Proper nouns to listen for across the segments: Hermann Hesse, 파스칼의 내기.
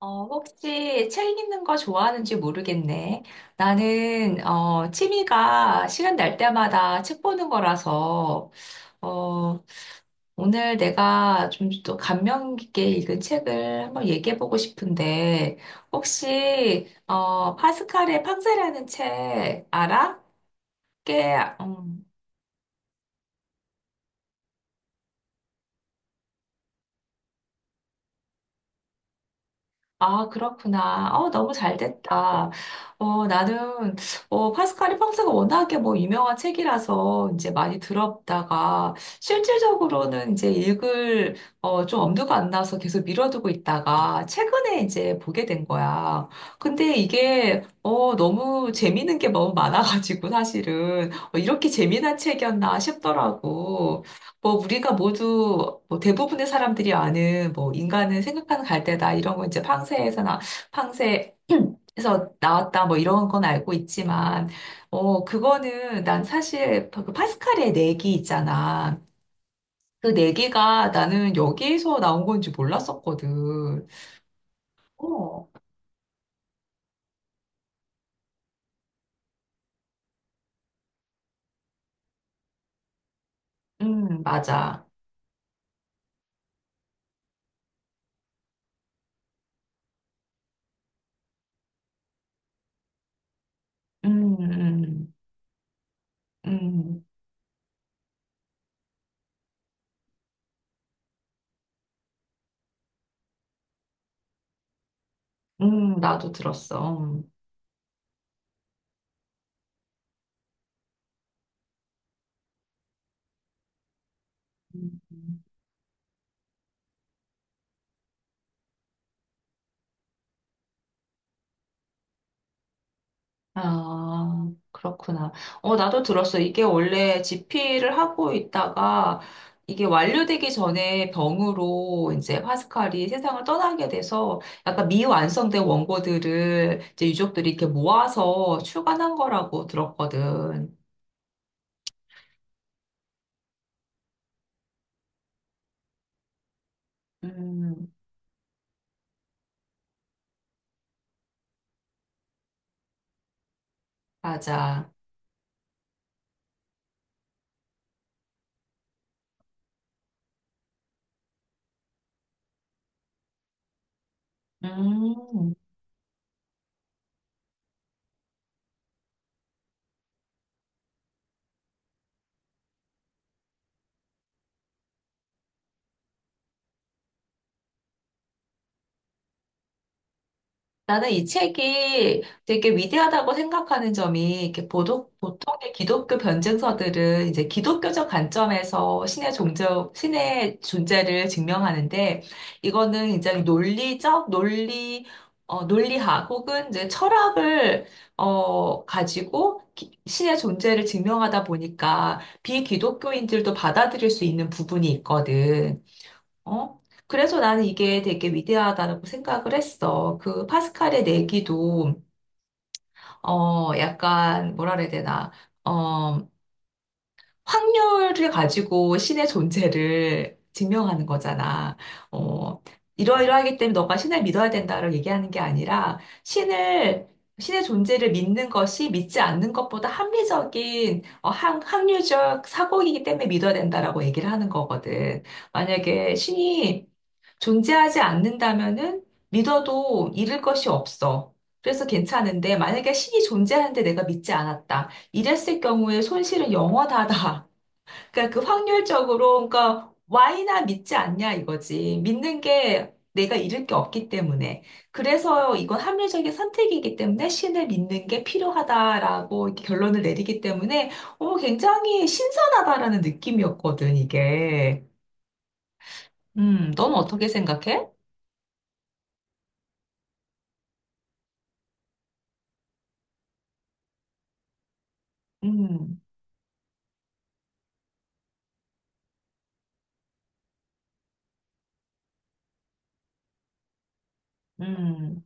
혹시 책 읽는 거 좋아하는지 모르겠네. 나는, 취미가 시간 날 때마다 책 보는 거라서, 어, 오늘 내가 좀 또 감명 깊게 읽은 책을 한번 얘기해 보고 싶은데, 혹시, 파스칼의 팡세라는 책 알아? 꽤, 아, 그렇구나. 너무 잘 됐다. 나는, 파스칼이 평소가 워낙에 뭐 유명한 책이라서 이제 많이 들었다가 실질적으로는 이제 읽을, 좀 엄두가 안 나서 계속 미뤄두고 있다가 최근에 이제 보게 된 거야. 근데 이게, 너무 재밌는 게 너무 많아가지고 사실은, 이렇게 재미난 책이었나 싶더라고. 뭐 우리가 모두 뭐 대부분의 사람들이 아는 뭐 인간은 생각하는 갈대다 이런 거 이제 팡세에서 나왔다 뭐 이런 건 알고 있지만 그거는 난 사실 그 파스칼의 내기 있잖아. 그 내기가 나는 여기에서 나온 건지 몰랐었거든. 어, 맞아. 음, 음, 음, 나도 들었어. 음. 아, 그렇구나. 어, 나도 들었어. 이게 원래 지피를 하고 있다가 이게 완료되기 전에 병으로 이제 파스칼이 세상을 떠나게 돼서 약간 미완성된 원고들을 이제 유족들이 이렇게 모아서 출간한 거라고 들었거든. 음, 맞아. 음. 나는 이 책이 되게 위대하다고 생각하는 점이 이렇게 보도, 보통의 기독교 변증서들은 이제 기독교적 관점에서 신의 존재를 증명하는데 이거는 굉장히 논리학 혹은 이제 철학을 가지고 기- 신의 존재를 증명하다 보니까 비기독교인들도 받아들일 수 있는 부분이 있거든. 어? 그래서 나는 이게 되게 위대하다고 생각을 했어. 그 파스칼의 내기도, 뭐라 그래야 되나, 어, 확률을 가지고 신의 존재를 증명하는 거잖아. 어, 이러이러하기 때문에 너가 신을 믿어야 된다를 얘기하는 게 아니라 신을 신의 존재를 믿는 것이 믿지 않는 것보다 합리적인 확률적 사고이기 때문에 믿어야 된다라고 얘기를 하는 거거든. 만약에 신이 존재하지 않는다면은 믿어도 잃을 것이 없어. 그래서 괜찮은데 만약에 신이 존재하는데 내가 믿지 않았다. 이랬을 경우에 손실은 영원하다. 그러니까 그 확률적으로, 그러니까 Y나 믿지 않냐 이거지. 믿는 게 내가 잃을 게 없기 때문에. 그래서 이건 합리적인 선택이기 때문에 신을 믿는 게 필요하다라고 이렇게 결론을 내리기 때문에, 굉장히 신선하다라는 느낌이었거든, 이게. 넌 어떻게 생각해? 음, 음,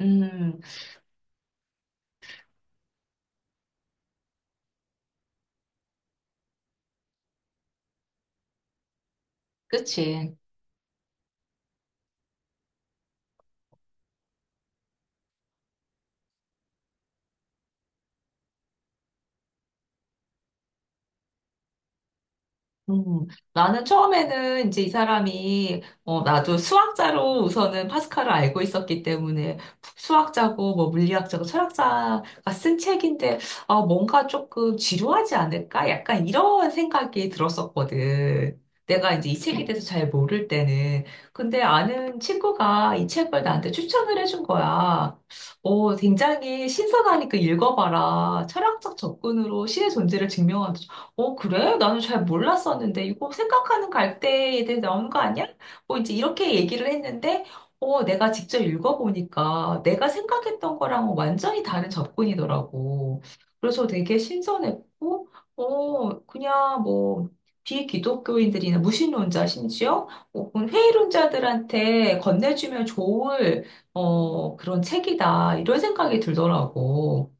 음, 그치. 음, 나는 처음에는 이제 이 사람이, 나도 수학자로 우선은 파스칼을 알고 있었기 때문에 수학자고 뭐 물리학자고 철학자가 쓴 책인데, 아, 뭔가 조금 지루하지 않을까? 약간 이런 생각이 들었었거든. 내가 이제 이 책에 대해서 잘 모를 때는. 근데 아는 친구가 이 책을 나한테 추천을 해준 거야. 어, 굉장히 신선하니까 읽어봐라. 철학적 접근으로 신의 존재를 증명한다. 어, 그래? 나는 잘 몰랐었는데, 이거 생각하는 갈대에 대해 나오는 거 아니야? 뭐 이제 이렇게 얘기를 했는데, 내가 직접 읽어보니까 내가 생각했던 거랑 완전히 다른 접근이더라고. 그래서 되게 신선했고, 그냥 뭐, 비기독교인들이나 무신론자 심지어 혹은 회의론자들한테 건네주면 좋을, 그런 책이다. 이런 생각이 들더라고.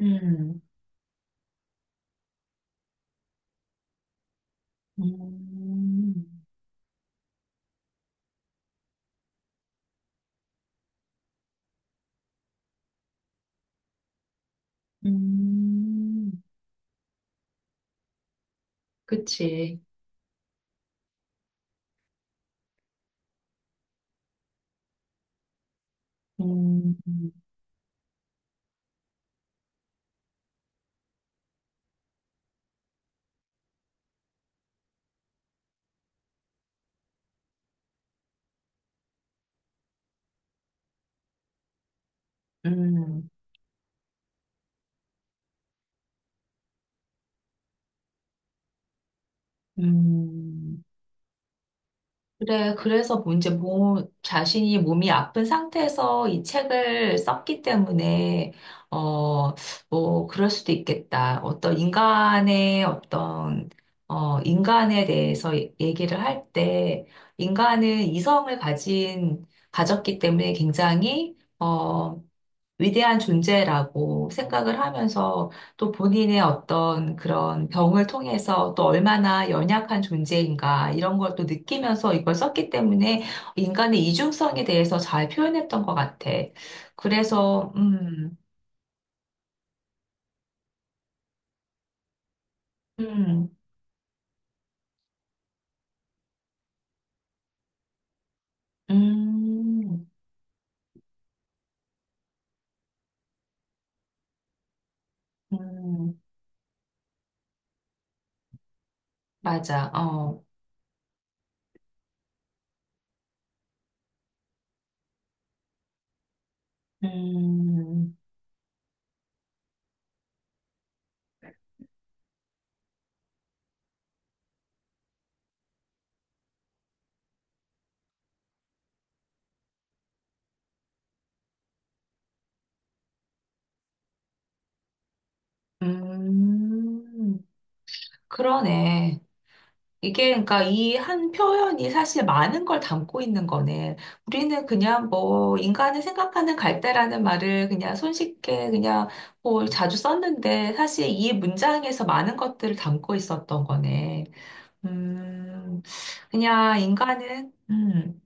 음. 음. 음, 그치. 음, 음, 음. 그래, 그래서 뭐 이제 몸, 자신이 몸이 아픈 상태에서 이 책을 썼기 때문에, 어, 뭐, 그럴 수도 있겠다. 어떤 인간의 어떤, 인간에 대해서 얘- 얘기를 할 때, 인간은 이성을 가진, 가졌기 때문에 굉장히, 어, 위대한 존재라고 생각을 하면서 또 본인의 어떤 그런 병을 통해서 또 얼마나 연약한 존재인가 이런 걸 또 느끼면서 이걸 썼기 때문에 인간의 이중성에 대해서 잘 표현했던 것 같아. 그래서, 음, 음, 음, 맞아, 어, 음, 음, 그러네. 이게 그러니까 이 한 표현이 사실 많은 걸 담고 있는 거네. 우리는 그냥 뭐 인간이 생각하는 갈대라는 말을 그냥 손쉽게 그냥 뭐 자주 썼는데 사실 이 문장에서 많은 것들을 담고 있었던 거네. 음, 그냥 인간은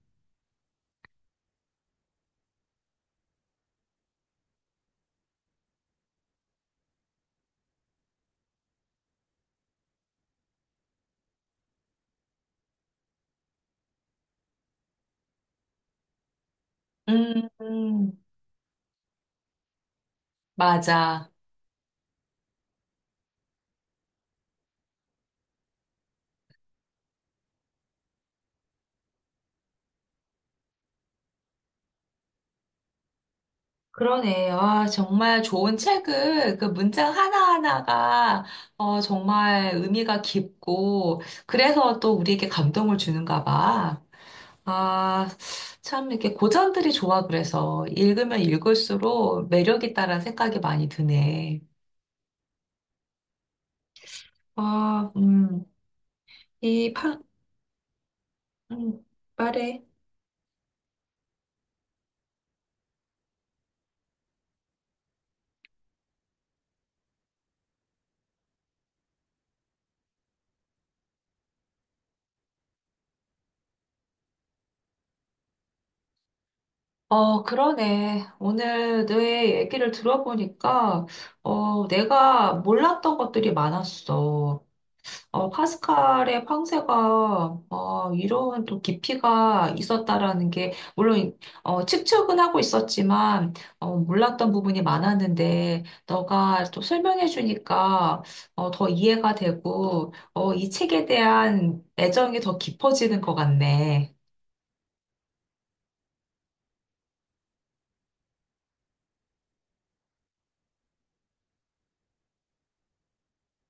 음, 음, 맞아. 그러네. 아, 정말 좋은 책을 그 문장 하나하나가 정말 의미가 깊고 그래서 또 우리에게 감동을 주는가 봐. 아, 참 이렇게 고전들이 좋아 그래서 읽으면 읽을수록 매력 있다라는 생각이 많이 드네. 아, 이 파, 음, 말해. 어, 그러네. 오늘 내 얘기를 들어보니까, 내가 몰랐던 것들이 많았어. 어, 파스칼의 황새가 어, 이런 또 깊이가 있었다라는 게 물론 측측은 하고 있었지만 몰랐던 부분이 많았는데 너가 또 설명해 주니까 더 이해가 되고 이 책에 대한 애정이 더 깊어지는 것 같네.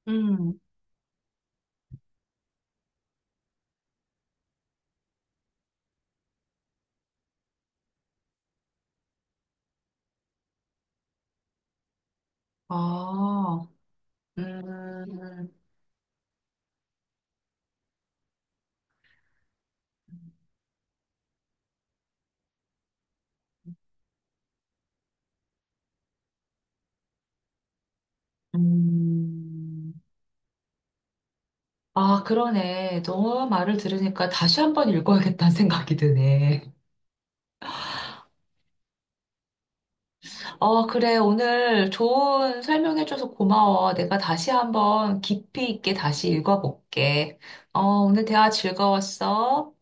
음, 아, 음, 음. 아, 그러네. 너 말을 들으니까 다시 한번 읽어야겠다는 생각이 드네. 어, 그래. 오늘 좋은 설명해줘서 고마워. 내가 다시 한번 깊이 있게 다시 읽어볼게. 어, 오늘 대화 즐거웠어.